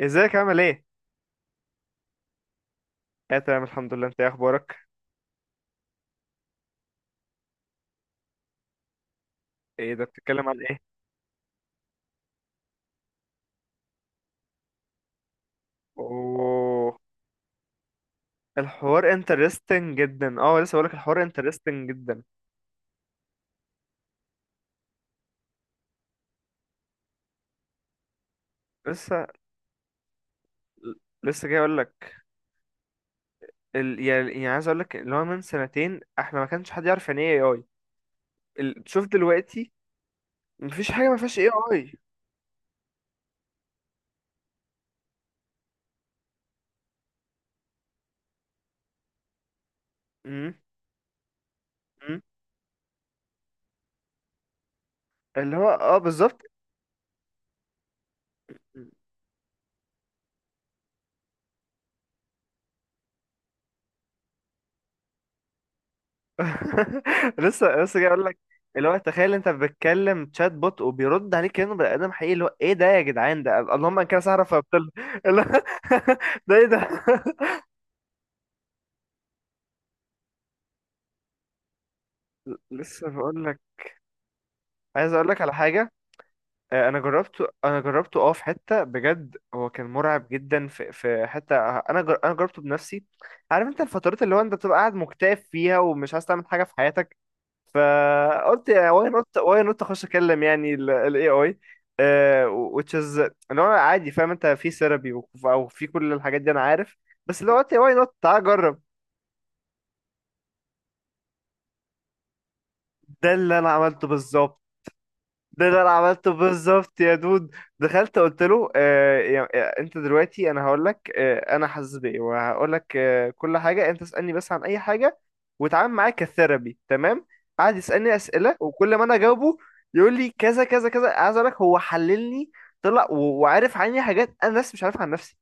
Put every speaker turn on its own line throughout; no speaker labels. ازيك عامل ايه؟ اه، تمام، الحمد لله. انت ايه اخبارك؟ ايه ده، بتتكلم عن ايه؟ اوه. الحوار انترستنج جدا. اه لسه بقولك، الحوار انترستنج جدا. لسه لسه جاي اقولك ال... يعني يعني عايز اقولك اللي هو من سنتين احنا ما كانش حد يعرف يعني ايه اي. شوف دلوقتي، مفيش حاجة ما فيهاش اي اي. اللي هو بالظبط. لسه جاي اقول لك، اللي هو تخيل انت بتتكلم تشات بوت وبيرد عليك كانه بني ادم حقيقي، اللي هو ايه ده يا جدعان، ده اللهم ان كان سهره فابطل. اللي هو، ده ايه ده؟ لسه بقول لك، عايز اقول لك على حاجه. انا جربته، في حته بجد، هو كان مرعب جدا، في حته، انا جربته بنفسي. عارف انت الفترات اللي هو انت بتبقى قاعد مكتئب فيها، ومش عايز تعمل حاجه في حياتك، فقلت واي نوت، اخش اكلم يعني الاي اي، which is اللي هو عادي، فاهم انت في ثيرابي او في كل الحاجات دي، انا عارف، بس اللي هو قلت واي نوت، تعال جرب. ده اللي انا عملته بالظبط. ده اللي انا عملته بالظبط يا دود. دخلت قلت له، انت دلوقتي انا هقول لك، انا حاسس بايه، وهقول لك كل حاجه، انت اسالني بس عن اي حاجه، واتعامل معايا كثيرابي، تمام. قعد يسالني اسئله، وكل ما انا اجاوبه يقول لي كذا كذا كذا. عايز اقول لك هو حللني، طلع وعارف عني حاجات انا نفسي مش عارفها عن نفسي،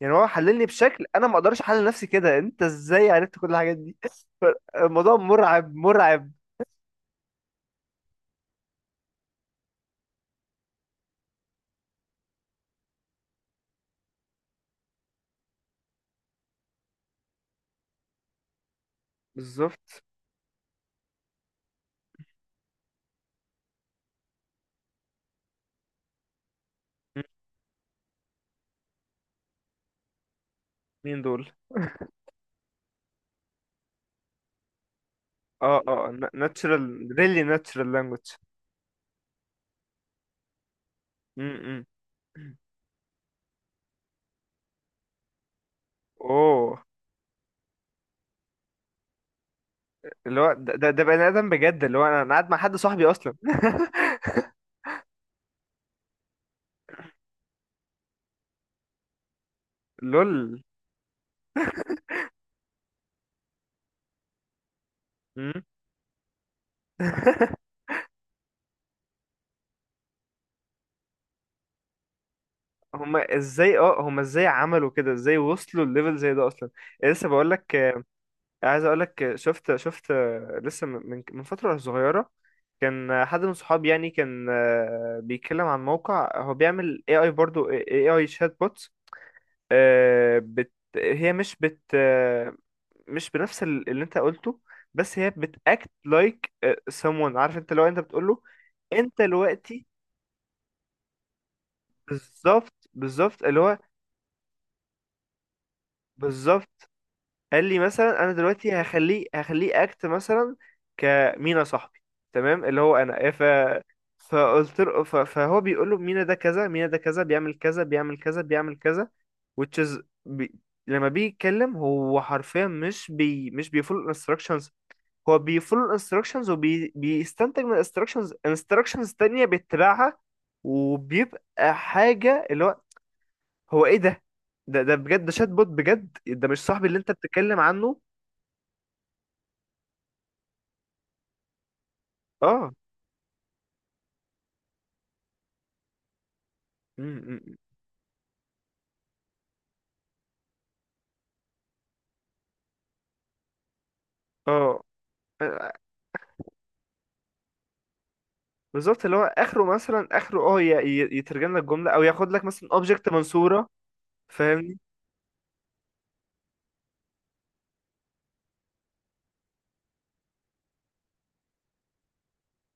يعني هو حللني بشكل انا ما اقدرش احلل نفسي كده. انت ازاي عرفت كل الحاجات دي؟ الموضوع مرعب، مرعب. بالظبط. مين دول؟ اه، اه، ناتشرال، ريلي ناتشرال لانجوج. امم. اوه. اللي هو ده بني ادم بجد، اللي هو انا قاعد مع حد صاحبي اصلا. لول. مم. هما ازاي عملوا كده؟ ازاي وصلوا الليفل زي ده اصلا؟ لسه بقول لك، عايز اقول لك، شفت لسه من فتره صغيره، كان حد من صحابي يعني، كان بيتكلم عن موقع هو بيعمل اي اي، برضو اي اي، شات بوتس. بت، هي مش بت، مش بنفس اللي انت قلته، بس هي بتاكت لايك someone. عارف انت لو انت بتقول له، انت دلوقتي، بالظبط، بالظبط، اللي هو بالظبط قال لي مثلا، انا دلوقتي هخليه اكت مثلا كمينا صاحبي، تمام. اللي هو انا، فقلت له، فهو بيقول له مينا ده كذا، مينا ده كذا، بيعمل كذا، بيعمل كذا، بيعمل كذا، which is لما بيجي يتكلم هو حرفيا مش بيفول instructions. هو بيفولو الانستراكشنز، وبيستنتج من الانستراكشنز انستراكشنز تانية بيتبعها، وبيبقى حاجة اللي هو، هو ايه ده؟ ده بجد، ده شات بوت بجد، ده مش صاحبي اللي انت بتتكلم عنه. اه. م- م- اه، بالظبط، اللي هو اخره مثلا، اخره اه ي- ي- يترجم لك جملة، او ياخد لك مثلا اوبجكت منصورة، فاهمني.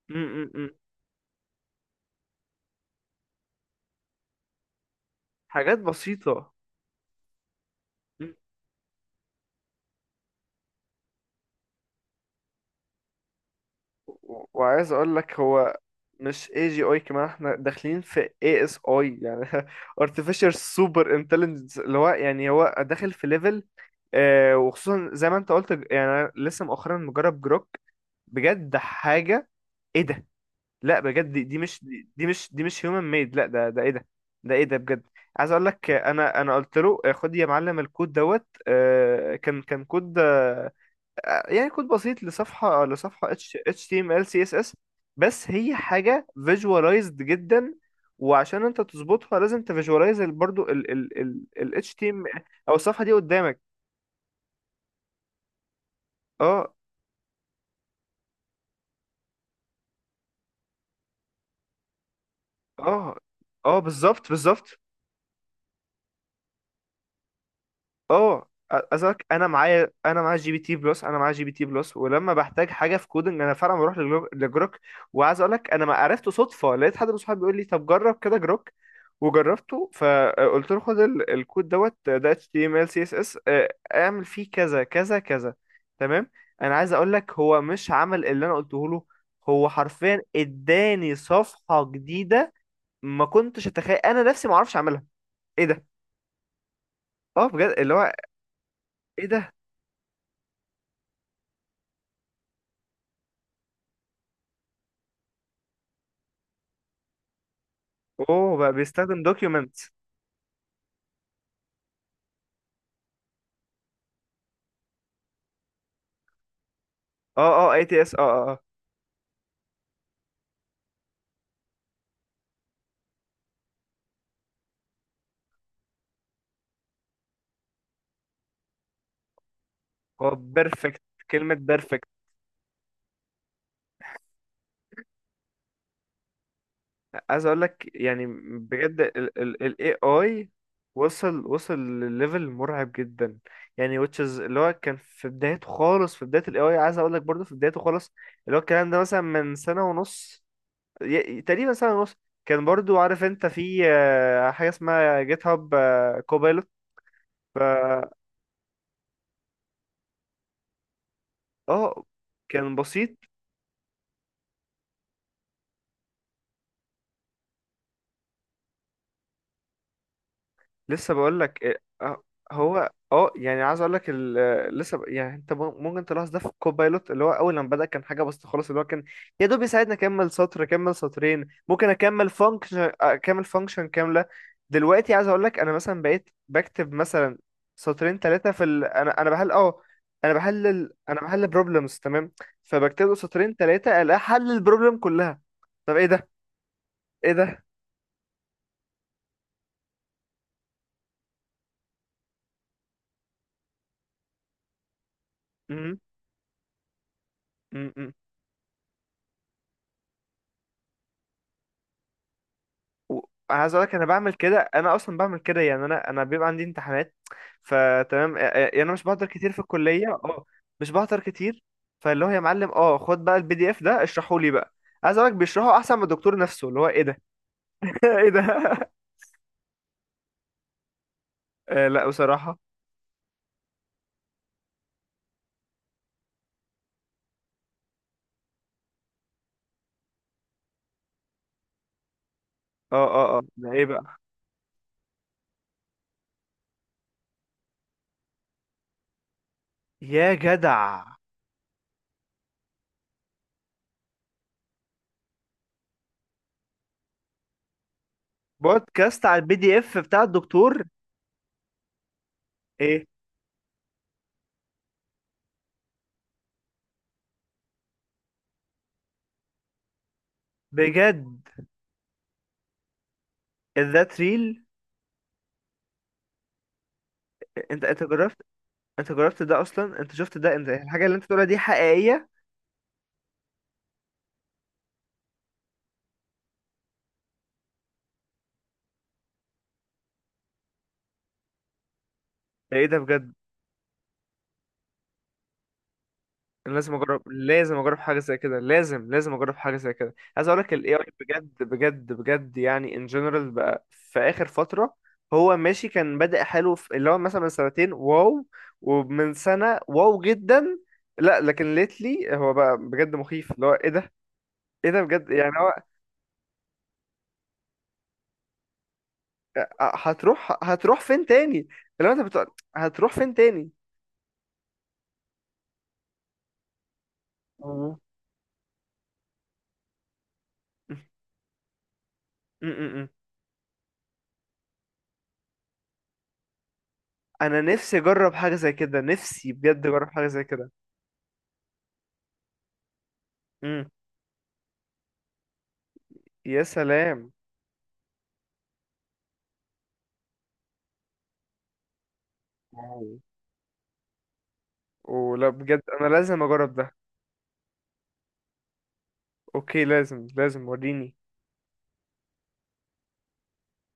م- م- م. حاجات بسيطة. وعايز اقول لك هو مش اي جي اي كمان، احنا داخلين في اي اس اي يعني. artificial super intelligence، اللي هو يعني هو داخل في ليفل. آه، وخصوصا زي ما انت قلت، يعني أنا لسه مؤخرا مجرب جروك، بجد حاجة، ايه ده؟ لا بجد، دي مش هيومن ميد، لا ده ايه ده؟ ده ايه ده بجد؟ عايز اقول لك، انا قلت له، خد يا معلم الكود دوت، كان كود، يعني كود بسيط لصفحة، اتش HTML CSS، بس هي حاجة visualized جدا، وعشان انت تظبطها لازم تفيجواليز برضو ال HTML، او الصفحة دي قدامك. اه، اه، اه، بالظبط، بالظبط، اه. أزاك، انا معايا جي بي تي بلس، انا معايا جي بي تي بلس، ولما بحتاج حاجه في كودنج انا فعلا بروح لجروك، وعايز اقول لك انا ما عرفته صدفه، لقيت حد من صحابي بيقول لي، طب جرب كده جروك، وجربته، فقلت له خد الكود دوت ده HTML CSS، اعمل فيه كذا كذا كذا، تمام. انا عايز اقول لك هو مش عمل اللي انا قلته له، هو حرفيا اداني صفحة جديدة ما كنتش اتخيل انا نفسي ما اعرفش اعملها. ايه ده؟ اه بجد، اللي هو ايه ده. اوه بقى، بيستخدم دوكيومنت؟ اه، اه، اي تي اس، اه، اه، آه. هو بيرفكت، كلمة بيرفكت. عايز اقول لك يعني بجد ال AI وصل، لليفل مرعب جدا، يعني which is اللي هو كان في بدايته خالص، في بداية ال AI، عايز اقول لك برضه في بدايته خالص، اللي هو الكلام ده مثلا من سنة ونص، تقريبا سنة ونص، كان برضه، عارف انت في حاجة اسمها جيت هاب كوبايلوت، ف اه كان بسيط. لسه بقول لك، آه، هو يعني عايز اقول لك، لسه يعني، انت ممكن تلاحظ ده في كوبايلوت، اللي هو اول لما بدأ كان حاجه بسيطه خالص، اللي هو كان يا دوب يساعدني اكمل سطر، اكمل سطرين، ممكن اكمل فانكشن، اكمل فانكشن كامله. دلوقتي عايز اقول لك انا مثلا بقيت بكتب مثلا سطرين ثلاثه انا بحل، انا بحلل بروبلمز، تمام. فبكتب له سطرين ثلاثه، الاقي حل البروبلم كلها. طب ايه ده؟ ايه ده، و- عايز اقول لك، انا بعمل كده، انا اصلا بعمل كده، يعني انا بيبقى عندي امتحانات، فتمام، يعني انا مش بحضر كتير في الكليه. اه مش بحضر كتير، فاللي هو، يا معلم، خد بقى البي دي اف ده، اشرحه لي بقى. عايز اقول لك بيشرحه احسن من الدكتور نفسه، اللي هو ايه ده؟ ايه ده؟ آه، لا بصراحه. اه، اه، اه، ده ايه بقى؟ يا جدع، بودكاست على البي دي اف بتاع الدكتور؟ ايه، بجد؟ ذات ريل. انت انت جربت انت جربت ده اصلا؟ انت شفت ده؟ انت الحاجه اللي انت بتقولها دي حقيقيه؟ ده ايه ده بجد؟ أنا لازم اجرب، لازم اجرب حاجه زي كده، لازم اجرب حاجه زي كده، عايز اقول لك الاي اي بجد بجد بجد، يعني ان جنرال بقى في اخر فتره. هو ماشي، كان بادئ حلو، في اللي هو مثلا من سنتين، واو، ومن سنه واو جدا، لا لكن ليتلي هو بقى بجد مخيف، اللي هو ايه ده؟ ايه ده بجد يعني؟ هو هتروح فين تاني؟ اللي هو انت بتقول هتروح فين تاني. مم. م- م- م. انا نفسي اجرب حاجه زي كده، نفسي بجد اجرب حاجه زي كده. م. يا سلام. واو. ولا بجد، انا لازم اجرب ده. اوكي، لازم وريني